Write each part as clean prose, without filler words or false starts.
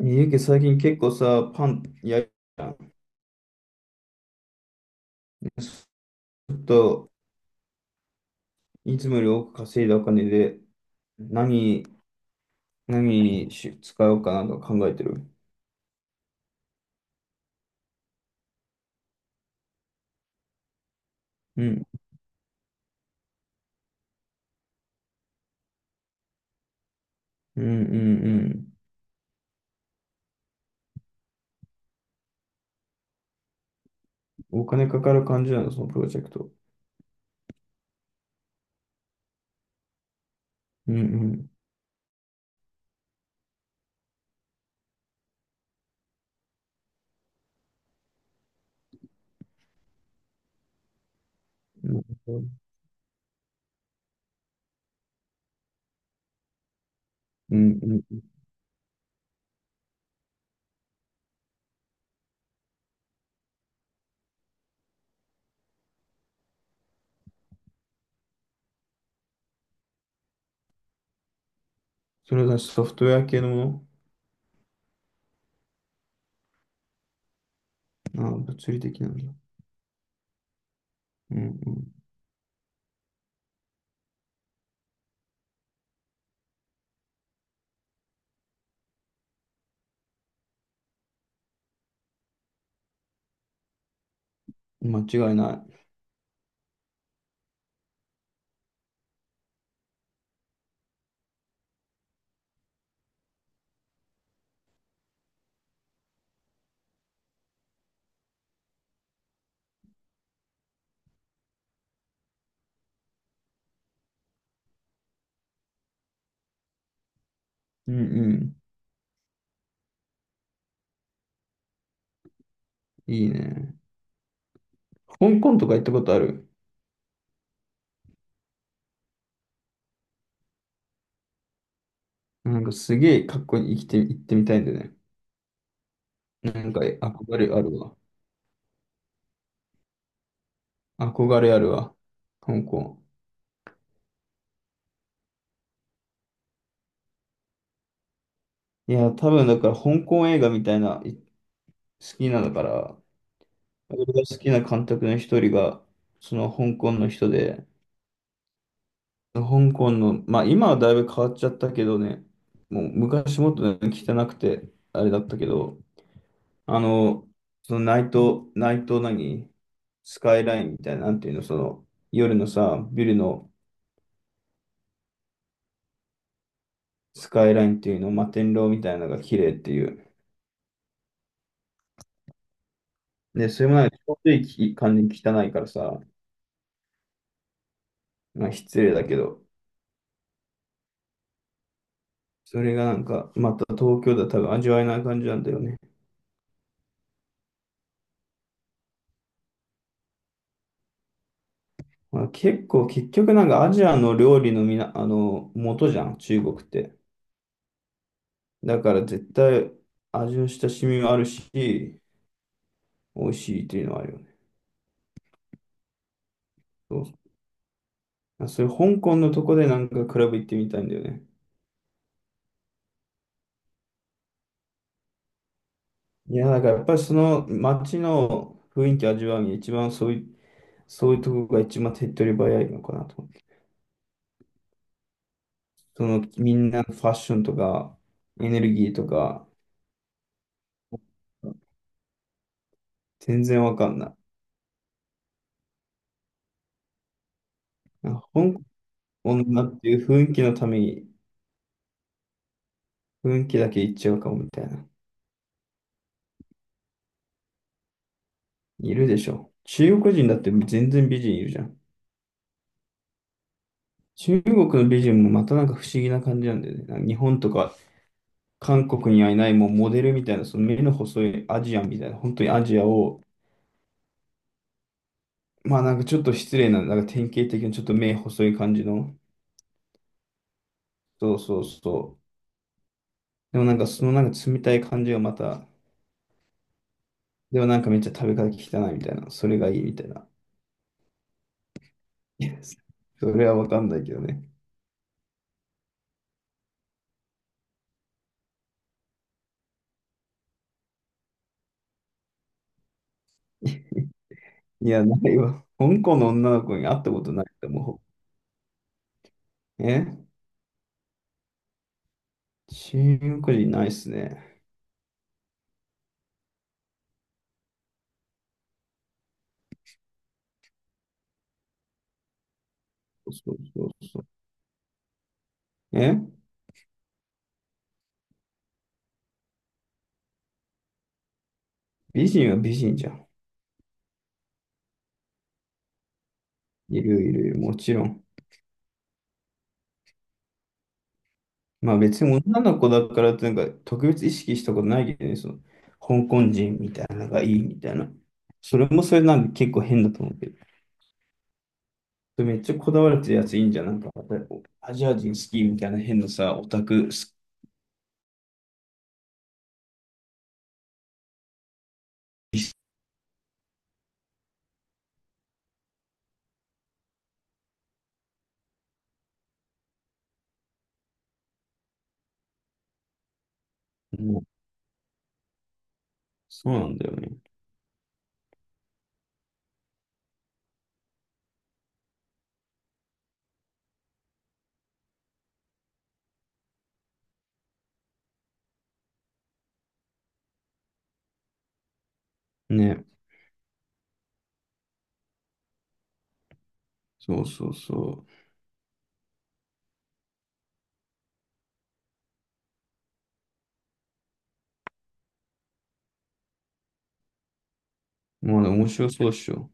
ゆうけ最近結構さ、パン焼いたんちょっと、いつもより多く稼いだお金で、何、何にし使おうかなと考えてる。うん、うん、うん、うん。お金かかる感じなの、そのプロジェクト？うん、うん。なるほど。うん、うん。それだし、ソフトウェア系のものああ、物理的なんだ。うん、うん。間違いない。うん、うん。いいね。香港とか行ったことある？なんかすげえかっこいい生きて、行ってみたいんだよね。なんか憧れあるわ。憧れあるわ。香港。いや、多分だから香港映画みたいな、好きなのから、俺が好きな監督の一人が、その香港の人で、香港の、まあ今はだいぶ変わっちゃったけどね、もう昔もっとね汚くて、あれだったけど、あの、そのナイト何スカイラインみたいな、なんていうの、その夜のさ、ビルのスカイラインっていうの、摩天楼みたいなのが綺麗っていう。で、それもなんかちょうどいい感じに汚いからさ、まあ、失礼だけど、それがなんか、また東京だと多分味わえない感じなんだよね。まあ、結構、結局なんかアジアの料理のみな、あの、元じゃん、中国って。だから絶対味の親しみもあるし、美味しいっていうのはあるよね。そう。そういう香港のとこでなんかクラブ行ってみたいんだよね。いや、だからやっぱりその街の雰囲気味わうに一番そういうとこが一番手っ取り早いのかなと思って。そのみんなのファッションとか、エネルギーとか、全然わかんない。なんか香港だっていう雰囲気のために、雰囲気だけ言っちゃうかもみたいな。いるでしょ。中国人だって全然美人いるじゃん。中国の美人もまたなんか不思議な感じなんだよね。なんか日本とか韓国にはいないもうモデルみたいな、その目の細いアジアンみたいな、本当にアジアを、まあなんかちょっと失礼な、なんか典型的なちょっと目細い感じの、そうそうそう。でもなんかそのなんか冷たい感じがまた、でもなんかめっちゃ食べ方汚いみたいな、それがいいみたいな。いや、それはわかんないけどね。いや、ないわ。香港の女の子に会ったことないと思う。え、中国人ないっすね。そうそうそう。え、美人は美人じゃん。いるいるいる、もちろん。まあ別に女の子だからってなんか特別意識したことないけどね、その香港人みたいなのがいいみたいな。それもそれなんか結構変だと思うけど。それめっちゃこだわれてるやついいんじゃん。なんかアジア人好きみたいな変なさ、オタク好き。うん、そうなんだよね。ね、そうそうそう。まあね、面白そうっしょ。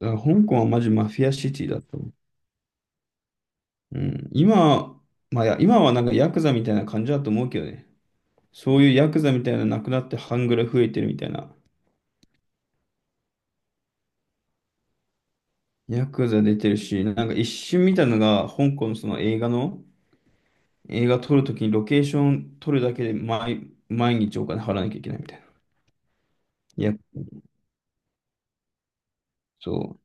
だから香港はマジマフィアシティだと思う。うん。まあ、いや今はなんかヤクザみたいな感じだと思うけどね。そういうヤクザみたいなのなくなって半グレ増えてるみたいな。ヤクザ出てるし、なんか一瞬見たのが香港のその映画の、映画撮るときにロケーション撮るだけで毎日お金払わなきゃいけないみたいな。いや、そ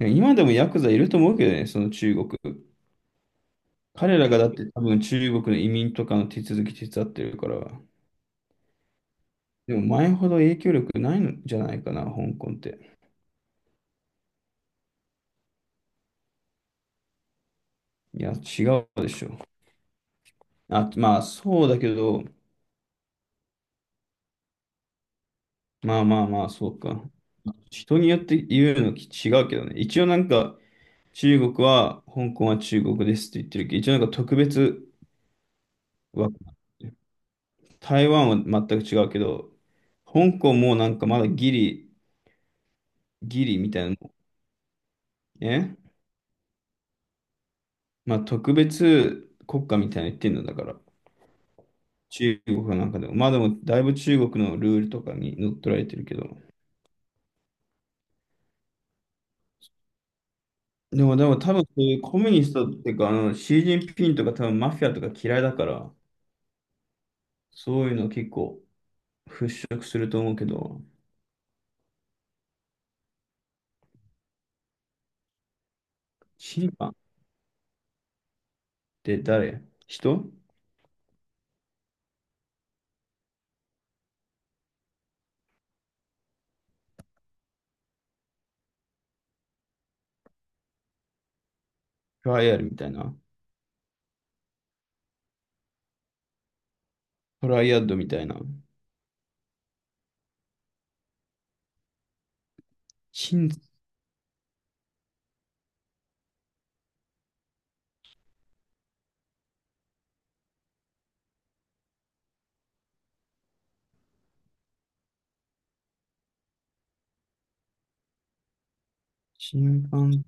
う。今でもヤクザいると思うけどね、その中国。彼らがだって多分中国の移民とかの手続き手伝ってるから。でも前ほど影響力ないんじゃないかな、香港って。いや、違うでしょ。あ、まあそうだけど、まあまあまあそうか。人によって言うのき違うけどね。一応なんか中国は、香港は中国ですって言ってるけど、一応なんか特別は、台湾は全く違うけど、香港もなんかまだギリみたいなの、ね。まあ特別国家みたいなの言ってんのだから。中国はなんかでも。まあでもだいぶ中国のルールとかに乗っ取られてるけど。でも多分そういうコミュニストっていうか、あの、シー・ジンピンとか多分マフィアとか嫌いだから、そういうの結構払拭すると思うけど、審判って誰人トライアルみたいな。トライアッドみたいな。審、審判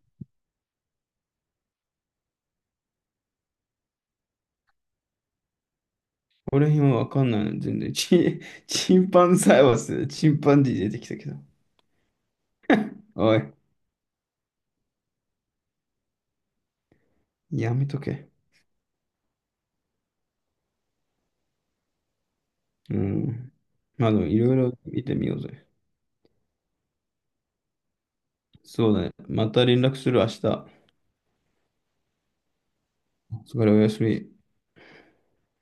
これ辺はわかんないの、全然。チンパンサイバス、チンパンディ出てきたけど。おい、やめとけ。うん。まあでも、いろいろ見てみようぜ。そうだね。また連絡する、明日。お疲れ、おやすみ。